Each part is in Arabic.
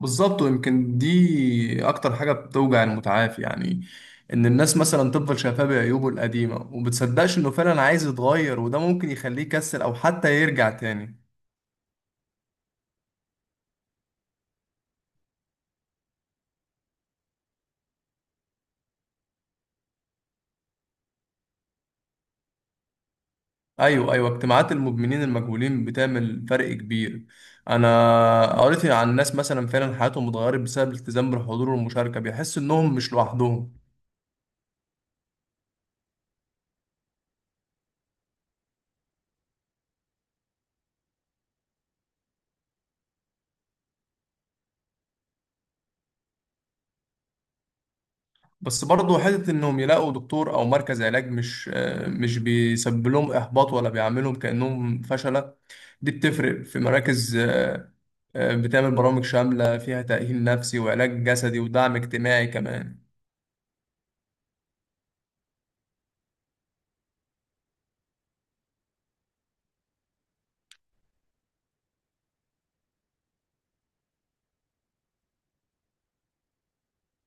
بالظبط، ويمكن دي اكتر حاجه بتوجع المتعافي، يعني ان الناس مثلا تفضل شايفاه بعيوبه القديمه وبتصدقش انه فعلا عايز يتغير، وده ممكن يخليه يكسل او حتى يرجع تاني. ايوه، ايوه، اجتماعات المدمنين المجهولين بتعمل فرق كبير. انا قريت عن ناس مثلا فعلا حياتهم اتغيرت بسبب الالتزام بالحضور والمشاركه، بيحسوا انهم مش لوحدهم. بس برضه حتة إنهم يلاقوا دكتور أو مركز علاج مش مش بيسبب لهم إحباط ولا بيعاملهم كأنهم فشلة. دي بتفرق، في مراكز بتعمل برامج شاملة فيها تأهيل نفسي وعلاج جسدي ودعم اجتماعي كمان.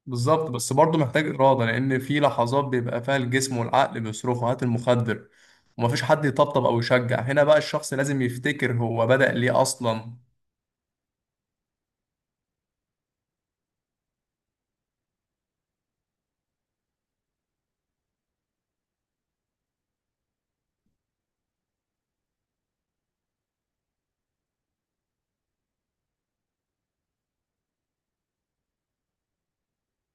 بالظبط، بس برضه محتاج إرادة، لأن في لحظات بيبقى فيها الجسم والعقل بيصرخوا هات المخدر ومفيش حد يطبطب أو يشجع. هنا بقى الشخص لازم يفتكر هو بدأ ليه أصلا.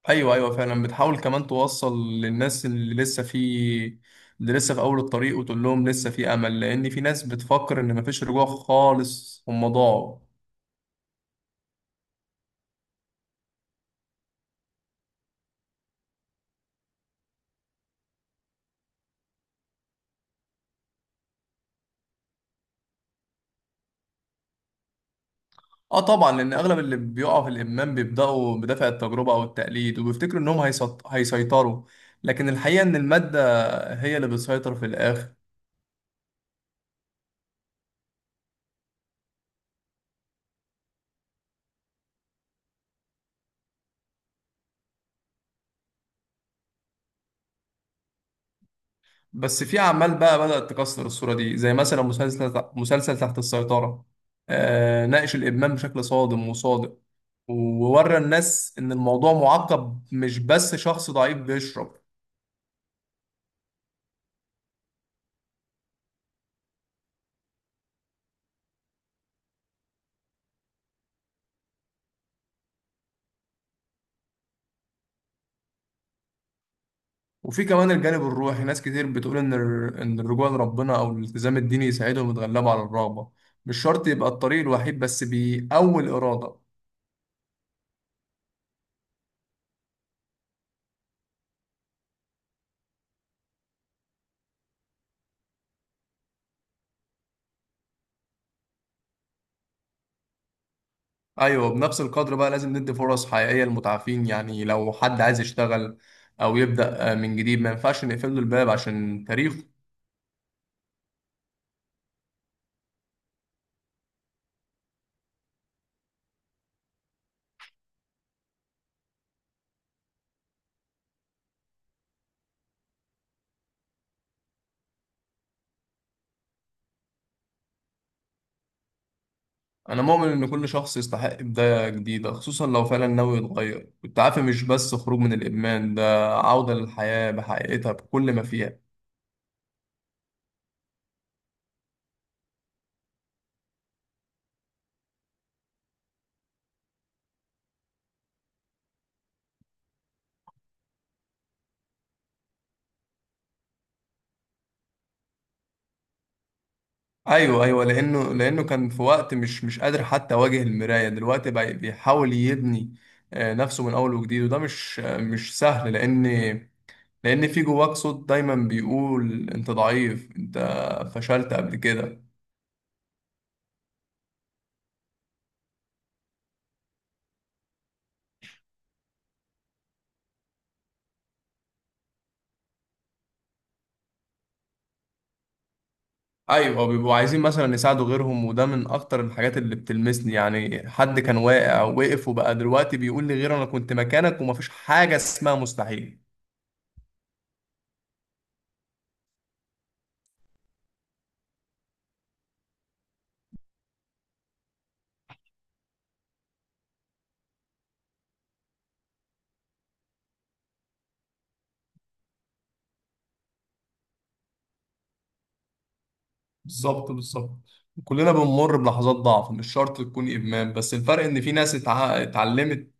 ايوه، ايوه، فعلا بتحاول كمان توصل للناس اللي لسه في اول الطريق، وتقول لهم لسه في امل، لان في ناس بتفكر ان مفيش رجوع خالص، هم ضاعوا. اه طبعا، لان اغلب اللي بيقعوا في الادمان بيبداوا بدافع التجربه او التقليد، وبيفتكروا انهم هيسيطروا. لكن الحقيقه ان الماده هي اللي بتسيطر في الاخر. بس في اعمال بقى بدأت تكسر الصورة دي، زي مثلا مسلسل تحت السيطرة. ناقش الإدمان بشكل صادم وصادق، وورى الناس إن الموضوع معقد، مش بس شخص ضعيف بيشرب. وفي كمان الجانب الروحي. ناس كتير بتقول إن الرجوع لربنا أو الالتزام الديني يساعدهم يتغلبوا على الرغبة. مش شرط يبقى الطريق الوحيد، بس بيقوي الإرادة. ايوه، بنفس القدر بقى لازم ندي فرص حقيقيه للمتعافين، يعني لو حد عايز يشتغل او يبدا من جديد، ما ينفعش نقفل له الباب عشان تاريخه. انا مؤمن ان كل شخص يستحق بدايه جديده، خصوصا لو فعلا ناوي يتغير. التعافي مش بس خروج من الادمان، ده عوده للحياه بحقيقتها بكل ما فيها. ايوه، ايوه، لانه كان في وقت مش قادر حتى يواجه المرايه. دلوقتي بقى بيحاول يبني نفسه من اول وجديد، وده مش سهل، لأن في جواك صوت دايما بيقول أنت ضعيف، أنت فشلت قبل كده. أيوة، بيبقوا عايزين مثلا يساعدوا غيرهم، وده من أكتر الحاجات اللي بتلمسني. يعني حد كان واقع ووقف وبقى دلوقتي بيقول لي، غير أنا كنت مكانك ومفيش حاجة اسمها مستحيل. بالظبط، بالظبط. كلنا بنمر بلحظات ضعف، مش شرط تكون إدمان. بس الفرق إن في ناس اتعلمت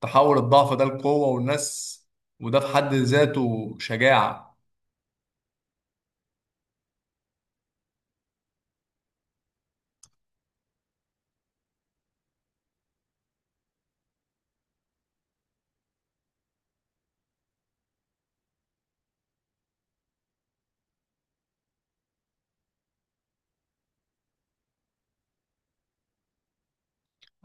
تحول الضعف ده لقوة والناس، وده في حد ذاته شجاعة.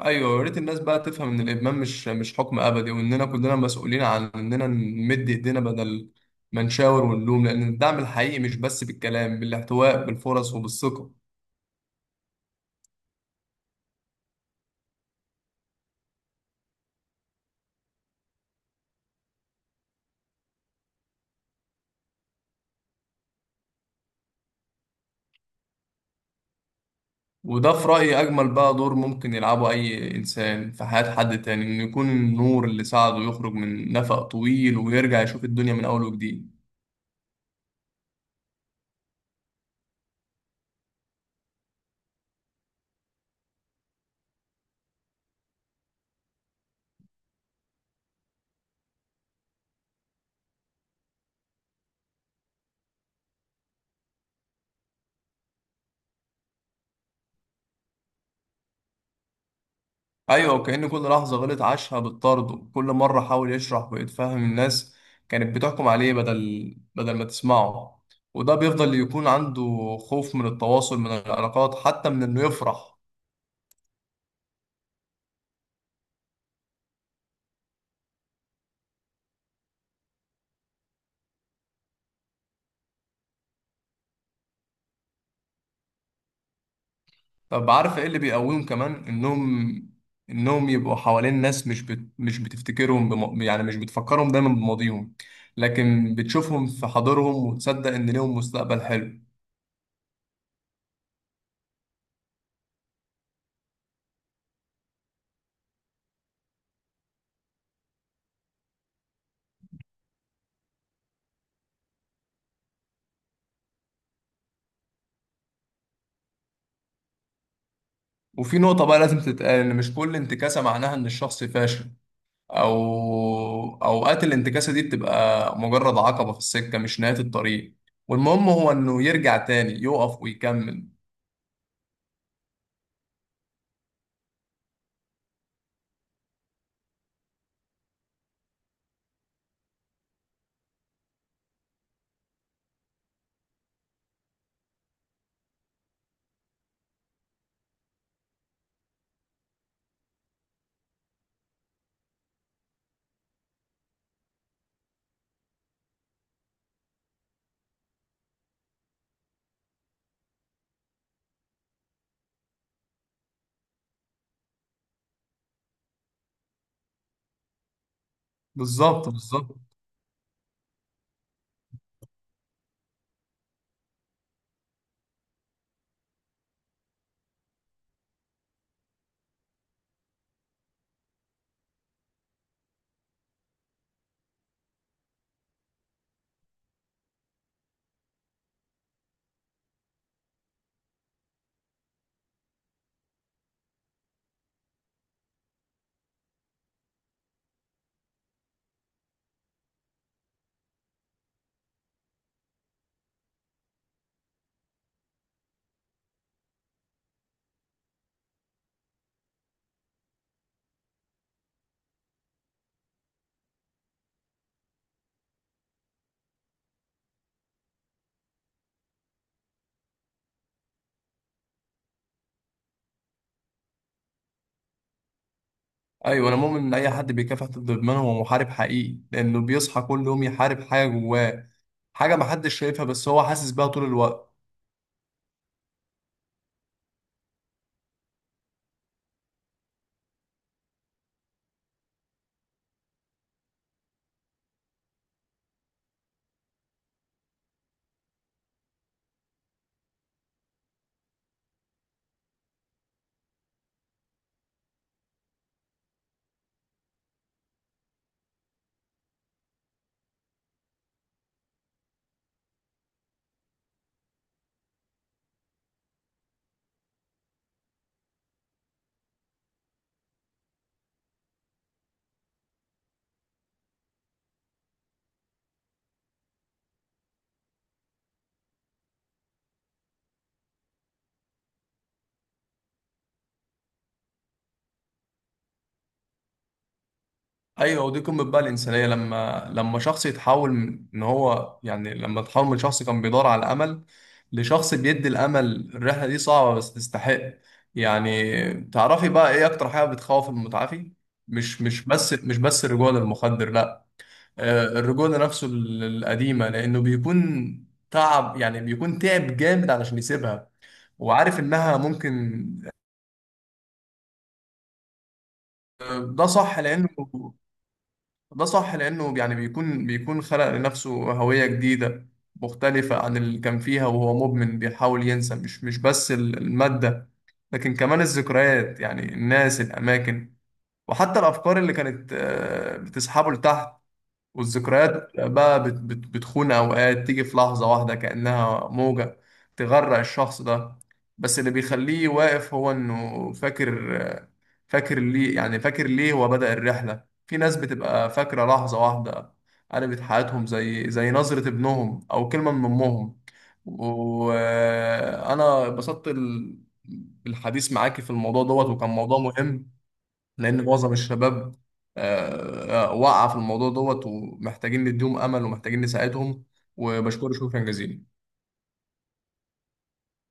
ايوه، يا ريت الناس بقى تفهم ان الادمان مش حكم ابدي، واننا كلنا مسؤولين عن اننا نمد ايدينا بدل ما نشاور ونلوم. لان الدعم الحقيقي مش بس بالكلام، بالاحتواء، بالفرص، وبالثقه. وده في رايي اجمل بقى دور ممكن يلعبه اي انسان في حياه حد تاني، انه يكون النور اللي ساعده يخرج من نفق طويل ويرجع يشوف الدنيا من اول وجديد. ايوه، وكأن كل لحظة غلط عاشها بالطرد. كل مرة حاول يشرح ويتفهم، الناس كانت بتحكم عليه بدل ما تسمعه. وده بيفضل يكون عنده خوف من التواصل، من العلاقات، حتى من انه يفرح. طب عارف ايه اللي بيقويهم كمان؟ انهم يبقوا حوالين ناس مش بت... مش بتفتكرهم بم... يعني مش بتفكرهم دايما بماضيهم، لكن بتشوفهم في حاضرهم وتصدق ان ليهم مستقبل حلو. وفي نقطة بقى لازم تتقال، ان مش كل انتكاسة معناها ان الشخص فاشل. او اوقات الانتكاسه دي بتبقى مجرد عقبه في السكه، مش نهايه الطريق. والمهم هو انه يرجع تاني يقف ويكمل. بالظبط، بالظبط. ايوه، انا مؤمن ان اي حد بيكافح ضد ادمان هو محارب حقيقي، لانه بيصحى كل يوم يحارب حاجه جواه، حاجه محدش شايفها بس هو حاسس بيها طول الوقت. ايوه، ودي قمه بقى الانسانيه، لما شخص يتحول من ان هو، يعني لما تحول من شخص كان بيدور على امل لشخص بيدي الامل. الرحله دي صعبه بس تستحق. يعني تعرفي بقى، ايه اكتر حاجه بتخوف المتعافي؟ مش بس الرجوع للمخدر، لا. الرجوع لنفسه القديمه، لانه بيكون تعب. يعني بيكون تعب جامد علشان يسيبها. وعارف انها ممكن. آه، ده صح لانه ده صح لأنه، يعني بيكون خلق لنفسه هوية جديدة مختلفة عن اللي كان فيها وهو مدمن. بيحاول ينسى مش بس المادة، لكن كمان الذكريات، يعني الناس، الأماكن. وحتى الأفكار اللي كانت بتسحبه لتحت. والذكريات بقى بت بت بتخون أوقات، تيجي في لحظة واحدة كأنها موجة تغرق الشخص ده. بس اللي بيخليه واقف هو إنه فاكر ليه، يعني فاكر ليه هو بدأ الرحلة. في ناس بتبقى فاكرة لحظة واحدة قلبت حياتهم، زي نظرة ابنهم أو كلمة من أمهم. وأنا اتبسطت بالحديث معاكي في الموضوع دوت، وكان موضوع مهم. لان معظم الشباب وقع في الموضوع دوت، ومحتاجين نديهم امل، ومحتاجين نساعدهم. وبشكرك، شكرا جزيلا.